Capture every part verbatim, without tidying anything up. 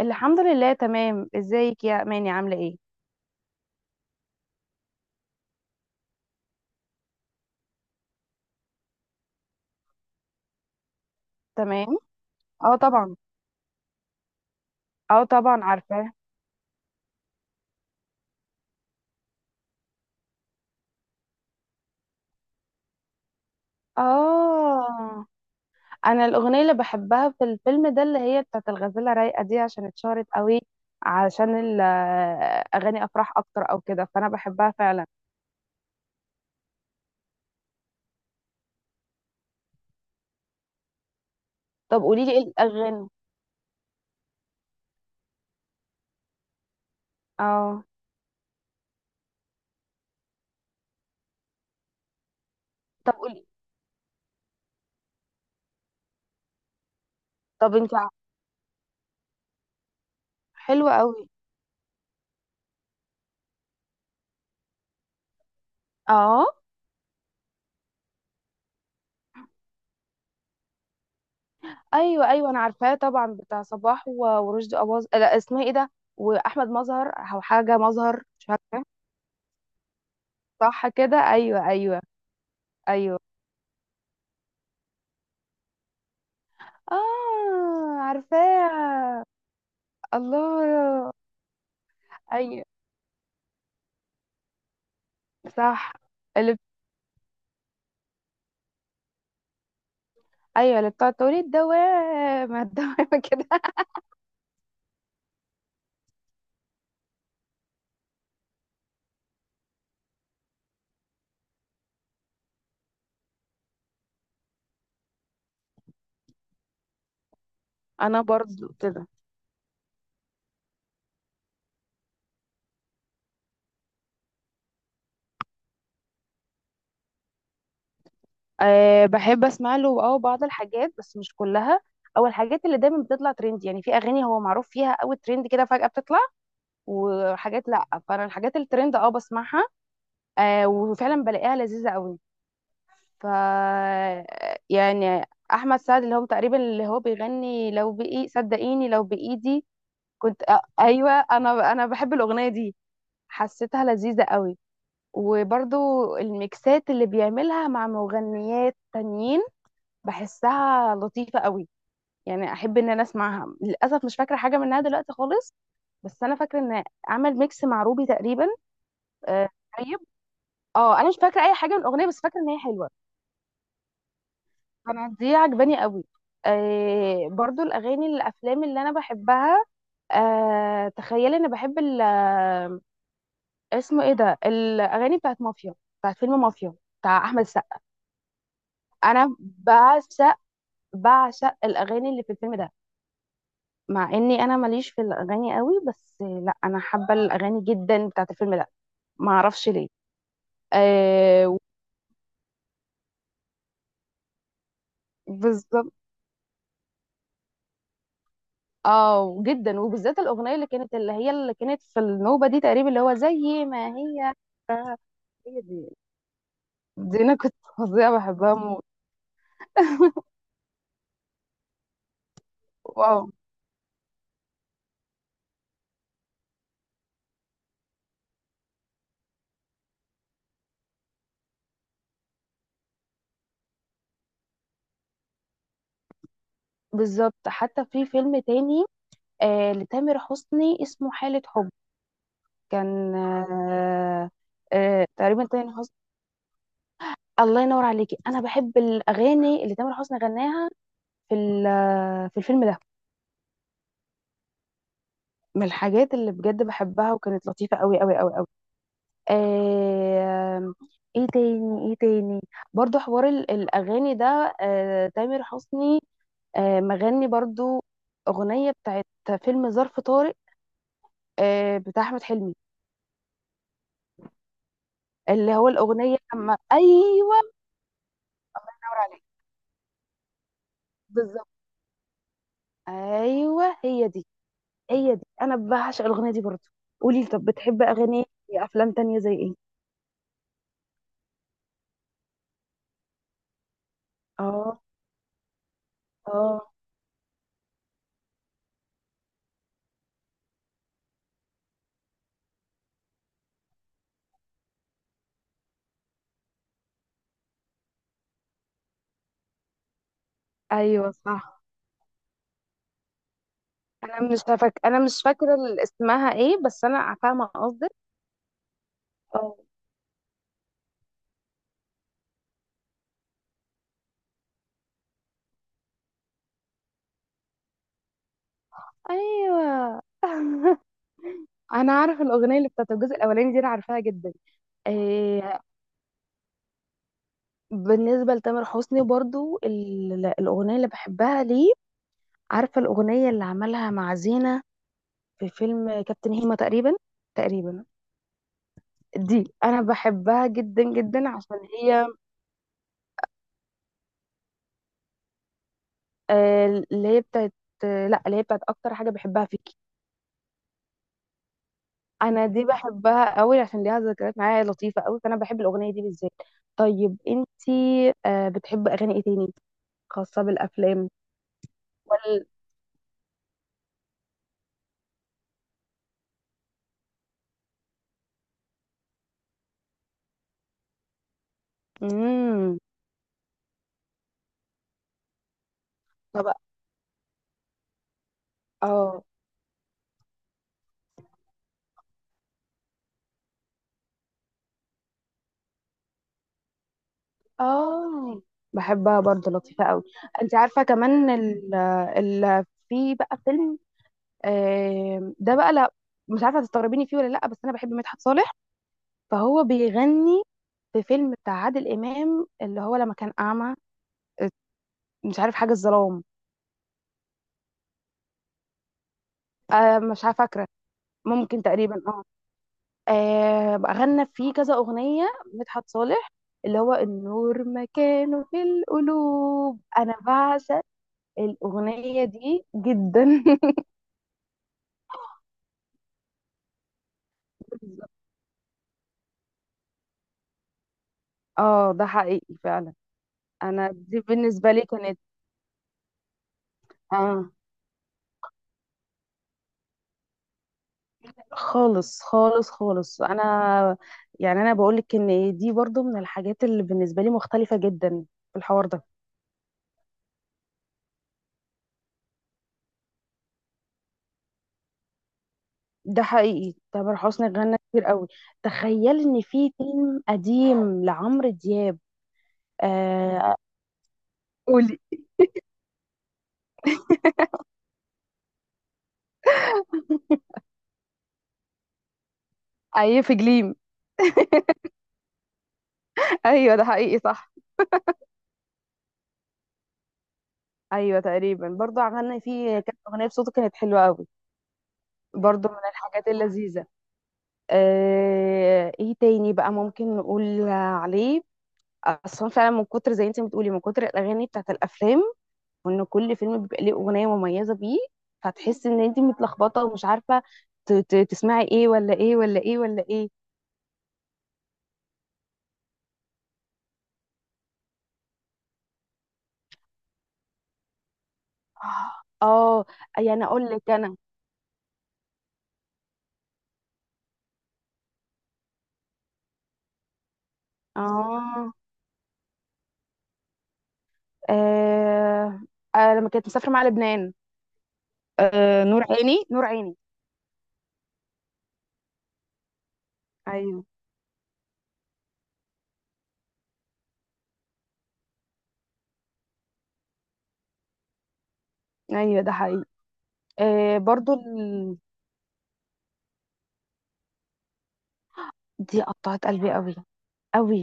الحمد لله، تمام. ازيك يا اماني؟ عامله ايه؟ تمام. اه طبعا. اه طبعا، عارفاه. اه، انا الاغنيه اللي بحبها في الفيلم ده اللي هي بتاعت الغزاله رايقه دي عشان اتشهرت قوي، عشان ال- آه، اغاني افراح اكتر او كده، فانا بحبها فعلا. طب قولي لي ايه الاغاني؟ اه. طب قولي. طب انت ع- حلوه قوي. اه، ايوه ايوه انا عارفاه طبعا، بتاع صباح و- ورشدي اباظه، لا اسمها ايه ده؟ واحمد مظهر، او حاجه مظهر، مش صح كده؟ ايوه ايوه. ايوه اه، عارفاه. الله. ايوه صح. اللي بت- ايوه اللي بتاع تقولي الدوامه الدوامه كده. انا برضو كده. أه بحب اسمع له، اه بعض الحاجات بس مش كلها، او الحاجات اللي دايما بتطلع ترند، يعني في اغاني هو معروف فيها قوي، ترند كده فجاه بتطلع، وحاجات لا. فانا الحاجات الترند اه بسمعها. أه وفعلا بلاقيها لذيذه قوي. ف يعني احمد سعد اللي هو تقريبا اللي هو بيغني لو بايدي، صدقيني لو بايدي. كنت أ- ايوه، انا انا بحب الاغنيه دي، حسيتها لذيذه قوي. وبرضو الميكسات اللي بيعملها مع مغنيات تانيين بحسها لطيفه قوي. يعني احب ان انا اسمعها، للاسف مش فاكره حاجه منها دلوقتي خالص، بس انا فاكره ان عمل ميكس مع روبي تقريبا. آه، طيب. اه انا مش فاكره اي حاجه من الاغنيه بس فاكره ان هي حلوه. انا دي عجباني قوي. آه برضو الاغاني الافلام اللي انا بحبها. آه تخيلي، انا بحب ال- آه، اسمه ايه ده، الاغاني بتاعت مافيا، بتاعت فيلم مافيا بتاع احمد السقا. انا بعشق، بعشق الاغاني اللي في الفيلم ده. مع اني انا ماليش في الاغاني قوي، بس لا انا حابه الاغاني جدا بتاعت الفيلم ده. ما اعرفش ليه. آه. بالظبط. اه جدا، وبالذات الاغنيه اللي كانت اللي هي اللي كانت في النوبه دي تقريبا اللي هو زي ما هي. هي دي. دي انا كنت فظيعه بحبها موت. واو. بالظبط. حتى في فيلم تاني، آه لتامر حسني، اسمه حالة حب. كان آه. آه تقريبا تامر حسني. الله ينور عليكي، انا بحب الاغاني اللي تامر حسني غناها في ال- في الفيلم ده. من الحاجات اللي بجد بحبها، وكانت لطيفة قوي قوي قوي قوي. آه. ايه تاني، ايه تاني؟ برضو حوار ال- الاغاني ده، آه تامر حسني. آه مغني برضو اغنيه بتاعت فيلم ظرف طارق، آه بتاع احمد حلمي. اللي هو الاغنيه، اما ايوه. نور عليك. بالظبط. ايوه هي دي. هي دي، انا بعشق الاغنيه دي برضو. قولي لي، طب بتحب اغاني إيه؟ افلام تانية زي ايه؟ اه. اه. ايوه صح. انا مش فاك... انا مش فاكره ال- اسمها ايه، بس انا فاهمه قصدك. ايوه. انا عارفه الاغنيه اللي بتاعت الجزء الاولاني دي، انا عارفاها جدا. إيه. بالنسبه لتامر حسني برضو، ال- الاغنيه اللي بحبها ليه، عارفه الاغنيه اللي عملها مع زينه في فيلم كابتن هيما تقريبا، تقريبا دي انا بحبها جدا جدا عشان هي آه، اللي هي بتاعت، آه لا اللي هي بتاعت اكتر حاجه بحبها فيكي. انا دي بحبها قوي عشان ليها ذكريات معايا لطيفه قوي، فانا بحب الاغنيه دي بالذات. طيب انت آه بتحب اغاني ايه تاني، خاصه بالافلام؟ وال... امم. طبق. اه. اه بحبها برضه لطيفة قوي. انت عارفة كمان ال... ال... في بقى فيلم، آه، ده بقى لا، مش عارفة تستغربيني فيه ولا لا، بس انا بحب مدحت صالح، فهو بيغني في فيلم بتاع عادل امام اللي هو لما كان اعمى، آه، مش عارف حاجة الظلام. آه، مش عارفة فاكرة. ممكن تقريبا اه. آه، بقى غنى فيه كذا أغنية مدحت صالح، اللي هو النور مكانه في القلوب، انا بعشق الأغنية دي جدا اه ده حقيقي فعلا. انا دي بالنسبة لي كانت اه. خالص خالص خالص. انا يعني انا بقولك ان دي برضو من الحاجات اللي بالنسبة لي مختلفة جدا في الحوار ده. ده حقيقي، تامر حسني غنى كتير قوي. تخيل ان في فيلم قديم لعمرو دياب. آه. قولي. اي في جليم ايوه ده حقيقي صح. ايوه تقريبا، برضو غنى فيه، كانت اغنيه بصوته كانت حلوه قوي. برضو من الحاجات اللذيذه. آه، ايه تاني بقى ممكن نقول عليه؟ اصلا فعلا من كتر زي انت بتقولي، من كتر الاغاني بتاعت الافلام، وان كل فيلم بيبقى ليه اغنيه مميزه بيه، فتحس ان انت متلخبطه ومش عارفه ت- ت- تسمعي ايه ولا ايه ولا ايه ولا ايه. اه. يعني اقول لك انا. اه. آه. آه. لما كانت مسافره مع لبنان. آه. نور عيني، نور عيني. ايوه. ايوه ده حقيقي. آه. برضو ال... دي قطعت قلبي قوي قوي.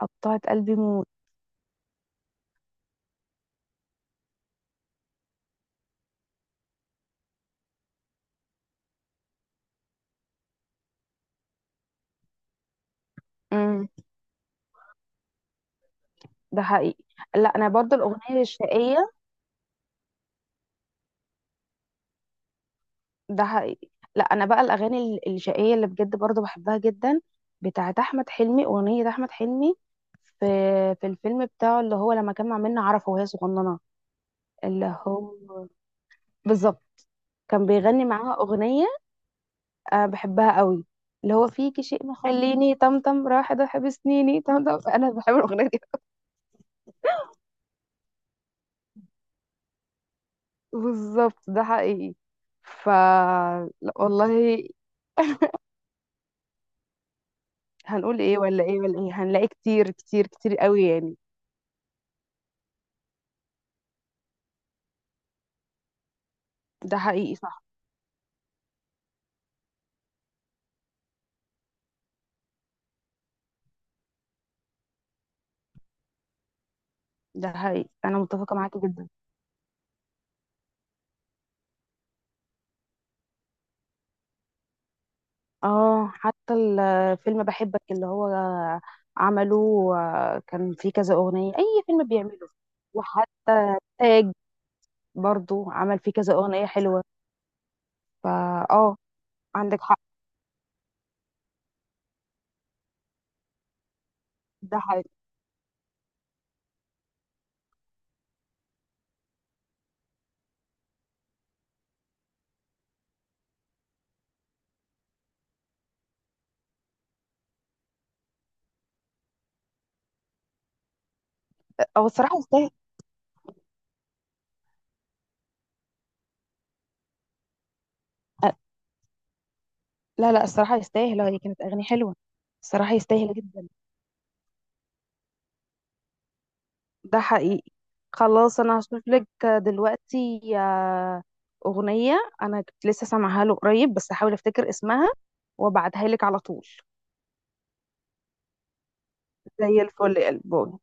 قطعت قلبي موت. امم. ده حقيقي. لا انا برضو الاغنيه الشقيه. ده حقيقي. لا انا بقى الاغاني ال- الشقيه اللي بجد برضو بحبها جدا، بتاعت احمد حلمي، اغنيه احمد حلمي في في الفيلم بتاعه اللي هو لما كان مع منة عرفة وهي صغننه. اللي هو، بالظبط، كان بيغني معاها اغنيه أنا بحبها قوي، اللي هو فيكي شيء مخليني طمطم، راح ده حب سنيني طمطم، انا بحب الاغنيه دي. بالظبط ده حقيقي. ف لا والله، هنقول ايه ولا ايه ولا ايه، هنلاقي كتير كتير كتير قوي يعني. ده حقيقي صح. ده حقيقي، انا متفقة معاك جدا. اه حتى الفيلم بحبك اللي هو عمله، آه، كان فيه كذا اغنية، اي فيلم بيعمله. وحتى تاج برضو عمل فيه كذا اغنية حلوة. فا اه، عندك حق. ده حقيقي. هو الصراحة يستاهل. آه، لا لا الصراحة يستاهل، هي كانت اغاني حلوة. الصراحة يستاهل جدا. ده حقيقي. خلاص، انا هشوف لك دلوقتي آه، اغنية انا كنت لسه سامعها له قريب، بس هحاول افتكر اسمها وابعتها لك على طول. زي الفل يا قلبي.